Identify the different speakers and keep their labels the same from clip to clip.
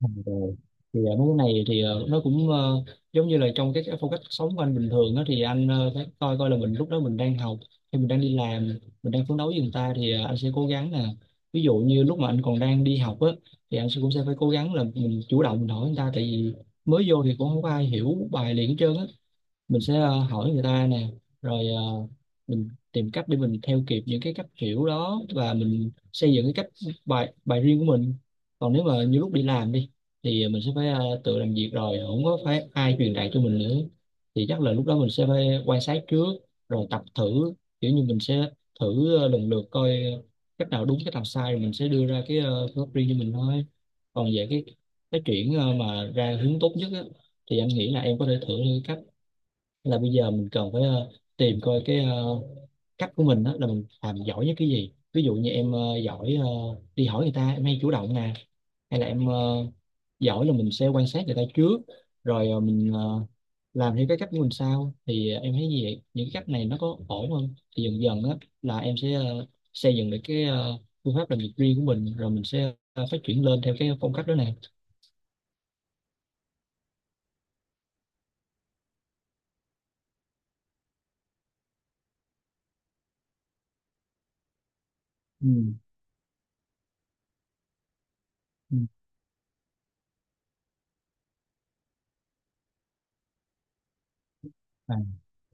Speaker 1: Ừ, rồi. Thì mấy cái này thì nó cũng giống như là trong cái phong cách sống của anh bình thường đó, thì anh phải coi coi là mình lúc đó mình đang học hay mình đang đi làm, mình đang phấn đấu với người ta. Thì anh sẽ cố gắng là ví dụ như lúc mà anh còn đang đi học á, thì anh sẽ cũng sẽ phải cố gắng là mình chủ động mình hỏi người ta, tại vì mới vô thì cũng không có ai hiểu bài liền hết trơn á. Mình sẽ hỏi người ta nè, rồi mình tìm cách để mình theo kịp những cái cách hiểu đó, và mình xây dựng cái cách bài bài riêng của mình. Còn nếu mà như lúc đi làm đi, thì mình sẽ phải tự làm việc rồi, không có phải ai truyền đạt cho mình nữa. Thì chắc là lúc đó mình sẽ phải quan sát trước, rồi tập thử, kiểu như mình sẽ thử lần lượt coi cách nào đúng cách nào sai, rồi mình sẽ đưa ra cái phương pháp riêng cho mình thôi. Còn về cái chuyện mà ra hướng tốt nhất á, thì anh nghĩ là em có thể thử là bây giờ mình cần phải tìm coi cái cách của mình đó là mình làm giỏi nhất cái gì. Ví dụ như em giỏi đi hỏi người ta, em hay chủ động nè, hay là em giỏi là mình sẽ quan sát người ta trước, rồi mình làm theo cái cách của mình sau. Thì em thấy gì vậy? Những cái cách này nó có ổn không, thì dần dần á là em sẽ xây dựng được cái phương pháp làm việc riêng của mình, rồi mình sẽ phát triển lên theo cái phong cách đó nè. Ừ, ừ.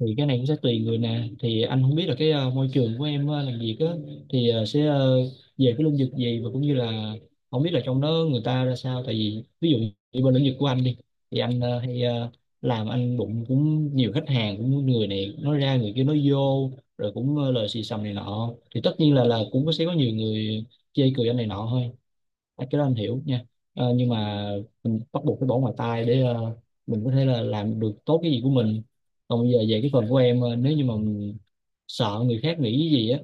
Speaker 1: Thì cái này cũng sẽ tùy người nè. Thì anh không biết là cái môi trường của em làm việc á thì sẽ về cái lĩnh vực gì, và cũng như là không biết là trong đó người ta ra sao. Tại vì ví dụ như bên lĩnh vực của anh đi, thì anh hay làm anh đụng cũng nhiều khách hàng, cũng người này nói ra người kia nói vô, rồi cũng lời xì xầm này nọ. Thì tất nhiên là cũng có sẽ có nhiều người chê cười anh này nọ thôi. À, cái đó anh hiểu nha. Ờ, nhưng mà mình bắt buộc phải bỏ ngoài tai để mình có thể là làm được tốt cái gì của mình. Còn bây giờ về cái phần của em, nếu như mà mình sợ người khác nghĩ cái gì á,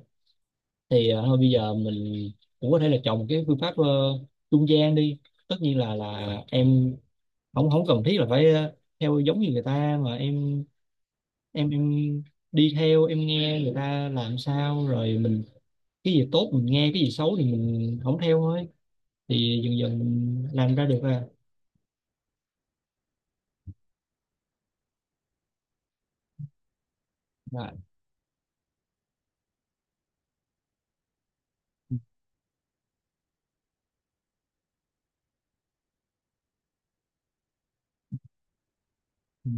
Speaker 1: thì thôi bây giờ mình cũng có thể là chọn một cái phương pháp trung gian đi. Tất nhiên là em không không cần thiết là phải theo giống như người ta, mà em em đi theo, em nghe người ta làm sao rồi mình cái gì tốt mình nghe, cái gì xấu thì mình không theo thôi. Thì dần dần mình làm ra được à. Dạ. Ừ, ừ,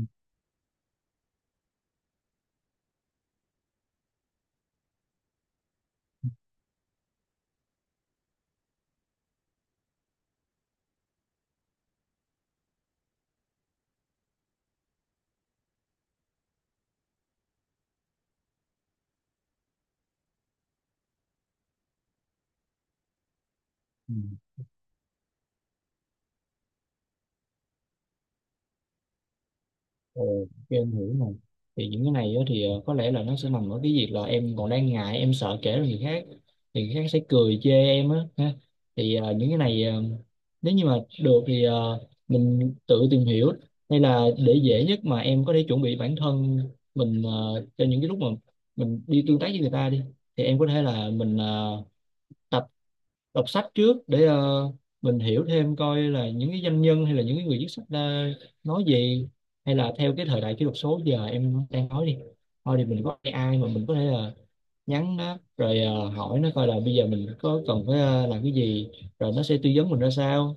Speaker 1: ừ. Ồ, ok, em hiểu rồi. Thì những cái này á thì có lẽ là nó sẽ nằm ở cái việc là em còn đang ngại, em sợ kể cho người khác. Thì người khác sẽ cười chê em á, ha. Thì những cái này nếu như mà được thì mình tự tìm hiểu. Hay là để dễ nhất mà em có thể chuẩn bị bản thân mình cho những cái lúc mà mình đi tương tác với người ta đi. Thì em có thể là mình tập đọc sách trước để mình hiểu thêm coi là những cái doanh nhân hay là những cái người viết sách đã nói gì. Hay là theo cái thời đại kỹ thuật số giờ em đang nói đi, thôi thì mình có AI mà mình có thể là nhắn nó rồi hỏi nó coi là bây giờ mình có cần phải làm cái gì, rồi nó sẽ tư vấn mình ra sao.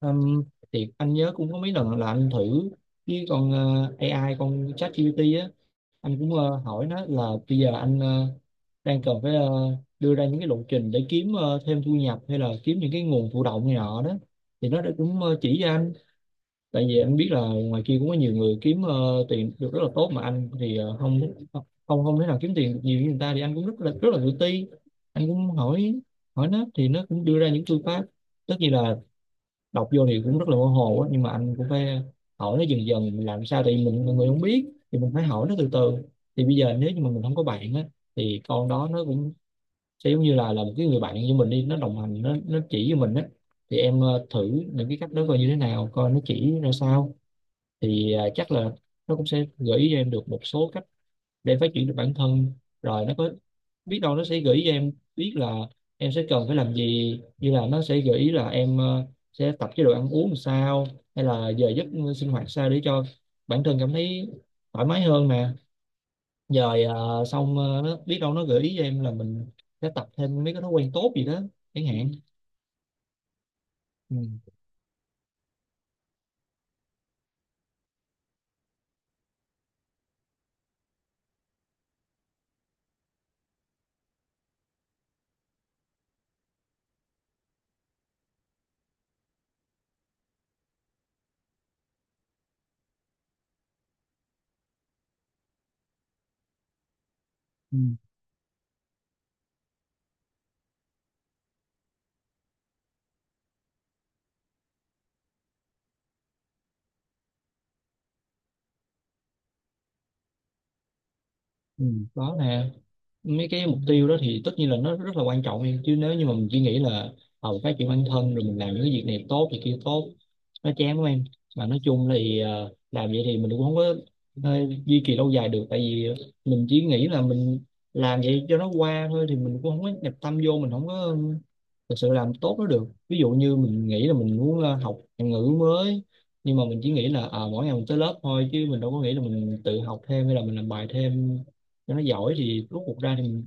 Speaker 1: Ừm, thì anh nhớ cũng có mấy lần là anh thử với con AI, con ChatGPT á, anh cũng hỏi nó là bây giờ anh đang cần phải đưa ra những cái lộ trình để kiếm thêm thu nhập, hay là kiếm những cái nguồn thụ động này nọ đó. Thì nó đã cũng chỉ cho anh, tại vì anh biết là ngoài kia cũng có nhiều người kiếm tiền được rất là tốt, mà anh thì không không không thể nào kiếm tiền được nhiều như người ta. Thì anh cũng rất là tự ti. Anh cũng hỏi hỏi nó, thì nó cũng đưa ra những phương pháp. Tất nhiên là đọc vô thì cũng rất là mơ hồ á, nhưng mà anh cũng phải hỏi nó dần dần, mình làm sao tại vì mình người không biết thì mình phải hỏi nó từ từ. Thì bây giờ nếu như mà mình không có bạn á, thì con đó nó cũng sẽ giống như là một cái người bạn như mình đi, nó đồng hành, nó chỉ cho mình á. Thì em thử những cái cách đó coi như thế nào, coi nó chỉ ra sao. Thì chắc là nó cũng sẽ gợi ý cho em được một số cách để phát triển được bản thân. Rồi nó có biết đâu nó sẽ gợi ý cho em biết là em sẽ cần phải làm gì, như là nó sẽ gợi ý là em sẽ tập chế độ ăn uống làm sao, hay là giờ giấc sinh hoạt sao để cho bản thân cảm thấy thoải mái hơn nè. Rồi xong nó biết đâu nó gợi ý cho em là mình sẽ tập thêm mấy cái thói quen tốt gì đó chẳng hạn. Ừ, ừ, ừ. Đó nè, mấy cái mục tiêu đó thì tất nhiên là nó rất là quan trọng em. Chứ nếu như mà mình chỉ nghĩ là ờ phát triển bản thân rồi mình làm những cái việc này tốt thì kia tốt, nó chán quá em. Mà nói chung là thì làm vậy thì mình cũng không có ờ, duy trì lâu dài được. Tại vì mình chỉ nghĩ là mình làm vậy cho nó qua thôi, thì mình cũng không có nhập tâm vô, mình không có thực sự làm tốt nó được. Ví dụ như mình nghĩ là mình muốn học ngôn ngữ mới, nhưng mà mình chỉ nghĩ là à, mỗi ngày mình tới lớp thôi, chứ mình đâu có nghĩ là mình tự học thêm hay là mình làm bài thêm cho nó giỏi. Thì rốt cuộc ra thì mình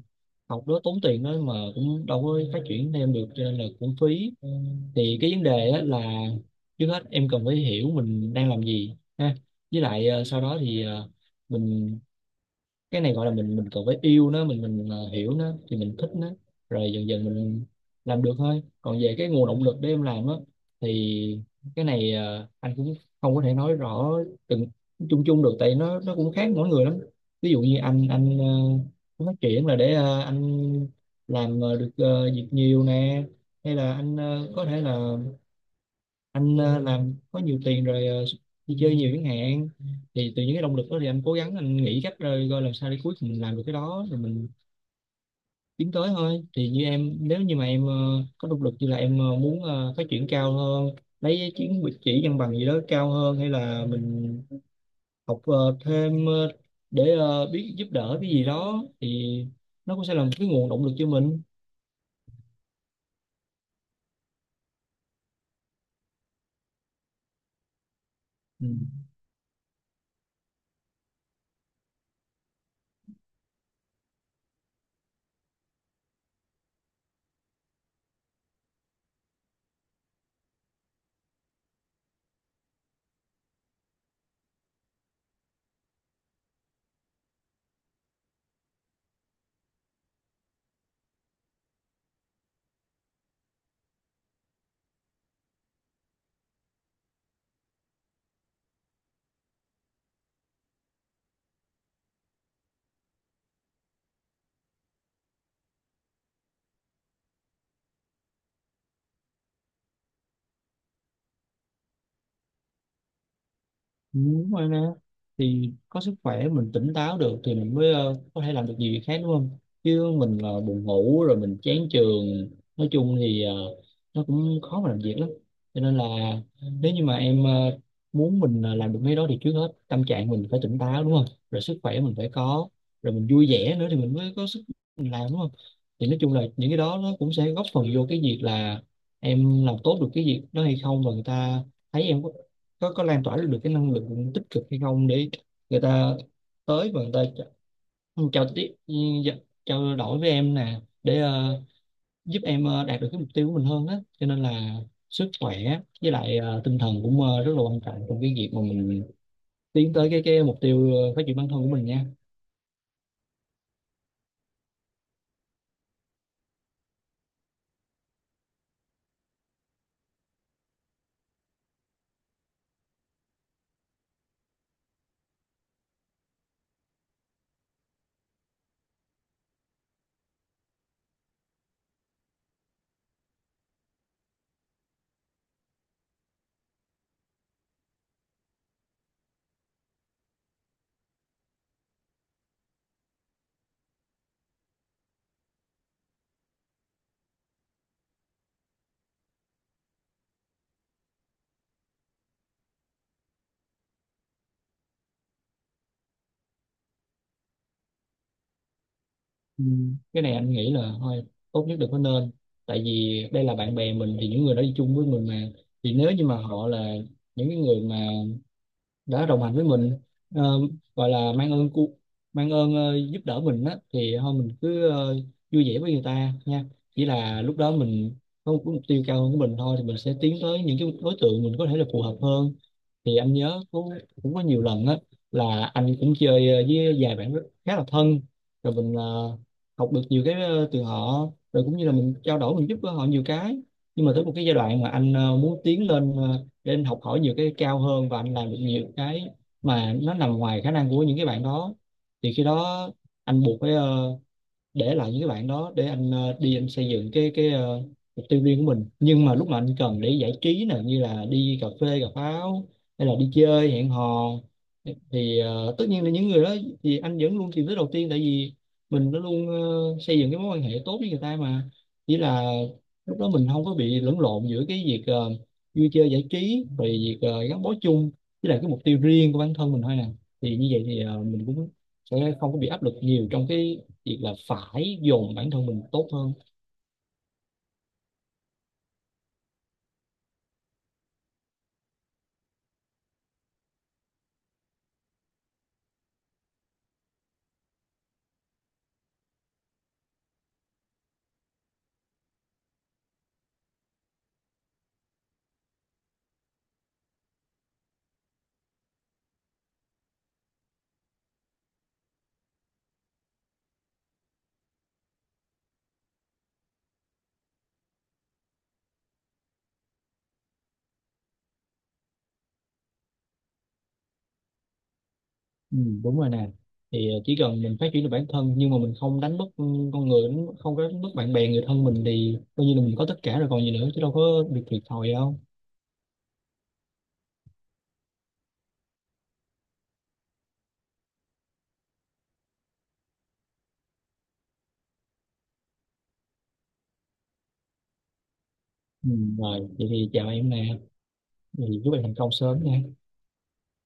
Speaker 1: học đó tốn tiền đó, mà cũng đâu có phát triển thêm được, cho nên là cũng phí. Thì cái vấn đề á là trước hết em cần phải hiểu mình đang làm gì ha. Với lại sau đó thì mình cái này gọi là mình cần phải yêu nó, mình hiểu nó thì mình thích nó, rồi dần dần mình làm được thôi. Còn về cái nguồn động lực để em làm á, thì cái này anh cũng không có thể nói rõ từng chung chung được, tại nó cũng khác mỗi người lắm. Ví dụ như anh muốn phát triển là để anh làm được việc nhiều nè, hay là anh có thể là anh làm có nhiều tiền rồi đi chơi nhiều chẳng hạn. Thì từ những cái động lực đó thì anh cố gắng, anh nghĩ cách rồi coi làm sao để cuối cùng mình làm được cái đó, rồi mình tiến tới thôi. Thì như em, nếu như mà em có động lực như là em muốn phát triển cao hơn, lấy chứng chỉ văn bằng gì đó cao hơn, hay là mình học thêm để biết giúp đỡ cái gì đó, thì nó cũng sẽ là một cái nguồn động lực cho mình. Ừ. Đúng rồi nè, thì có sức khỏe mình tỉnh táo được thì mình mới có thể làm được nhiều việc khác, đúng không? Chứ mình là buồn ngủ rồi mình chán trường, nói chung thì nó cũng khó mà làm việc lắm. Cho nên là nếu như mà em muốn mình làm được mấy đó thì trước hết tâm trạng mình phải tỉnh táo, đúng không? Rồi sức khỏe mình phải có, rồi mình vui vẻ nữa thì mình mới có sức mình làm, đúng không? Thì nói chung là những cái đó nó cũng sẽ góp phần vô cái việc là em làm tốt được cái việc đó hay không, và người ta thấy em có có lan tỏa được cái năng lượng tích cực hay không, để người ta tới và người ta chào tiếp, ừ, dạ, trao đổi với em nè để giúp em đạt được cái mục tiêu của mình hơn đó. Cho nên là sức khỏe với lại tinh thần cũng rất là quan trọng trong cái việc mà mình tiến tới cái mục tiêu phát triển bản thân của mình nha. Ừ. Cái này anh nghĩ là thôi, tốt nhất đừng có nên, tại vì đây là bạn bè mình, thì những người đó đi chung với mình mà. Thì nếu như mà họ là những cái người mà đã đồng hành với mình, ờ, gọi là mang ơn giúp đỡ mình á, thì thôi mình cứ vui vẻ với người ta nha. Chỉ là lúc đó mình có một cái mục tiêu cao hơn của mình thôi, thì mình sẽ tiến tới những cái đối tượng mình có thể là phù hợp hơn. Thì anh nhớ cũng cũng có nhiều lần á, là anh cũng chơi với vài bạn rất khá là thân, rồi mình học được nhiều cái từ họ, rồi cũng như là mình trao đổi, mình giúp đỡ họ nhiều cái. Nhưng mà tới một cái giai đoạn mà anh muốn tiến lên để anh học hỏi nhiều cái cao hơn và anh làm được nhiều cái mà nó nằm ngoài khả năng của những cái bạn đó, thì khi đó anh buộc phải để lại những cái bạn đó để anh đi, anh xây dựng mục tiêu riêng của mình. Nhưng mà lúc mà anh cần để giải trí nè, như là đi cà phê cà pháo hay là đi chơi hẹn hò, thì tất nhiên là những người đó thì anh vẫn luôn tìm tới đầu tiên, tại vì mình đã luôn xây dựng cái mối quan hệ tốt với người ta mà. Chỉ là lúc đó mình không có bị lẫn lộn giữa cái việc vui chơi giải trí rồi việc gắn bó chung với lại cái mục tiêu riêng của bản thân mình thôi nè. Thì như vậy thì mình cũng sẽ không có bị áp lực nhiều trong cái việc là phải dồn bản thân mình tốt hơn. Ừ, đúng rồi nè, thì chỉ cần mình phát triển được bản thân nhưng mà mình không đánh mất, ừ, con người đánh mất- không có đánh mất bạn bè người thân mình, thì coi như là mình có tất cả rồi còn gì nữa, chứ đâu có việc thiệt thòi đâu. Ừ, rồi vậy thì chào em nè, thì chúc em thành công sớm nha.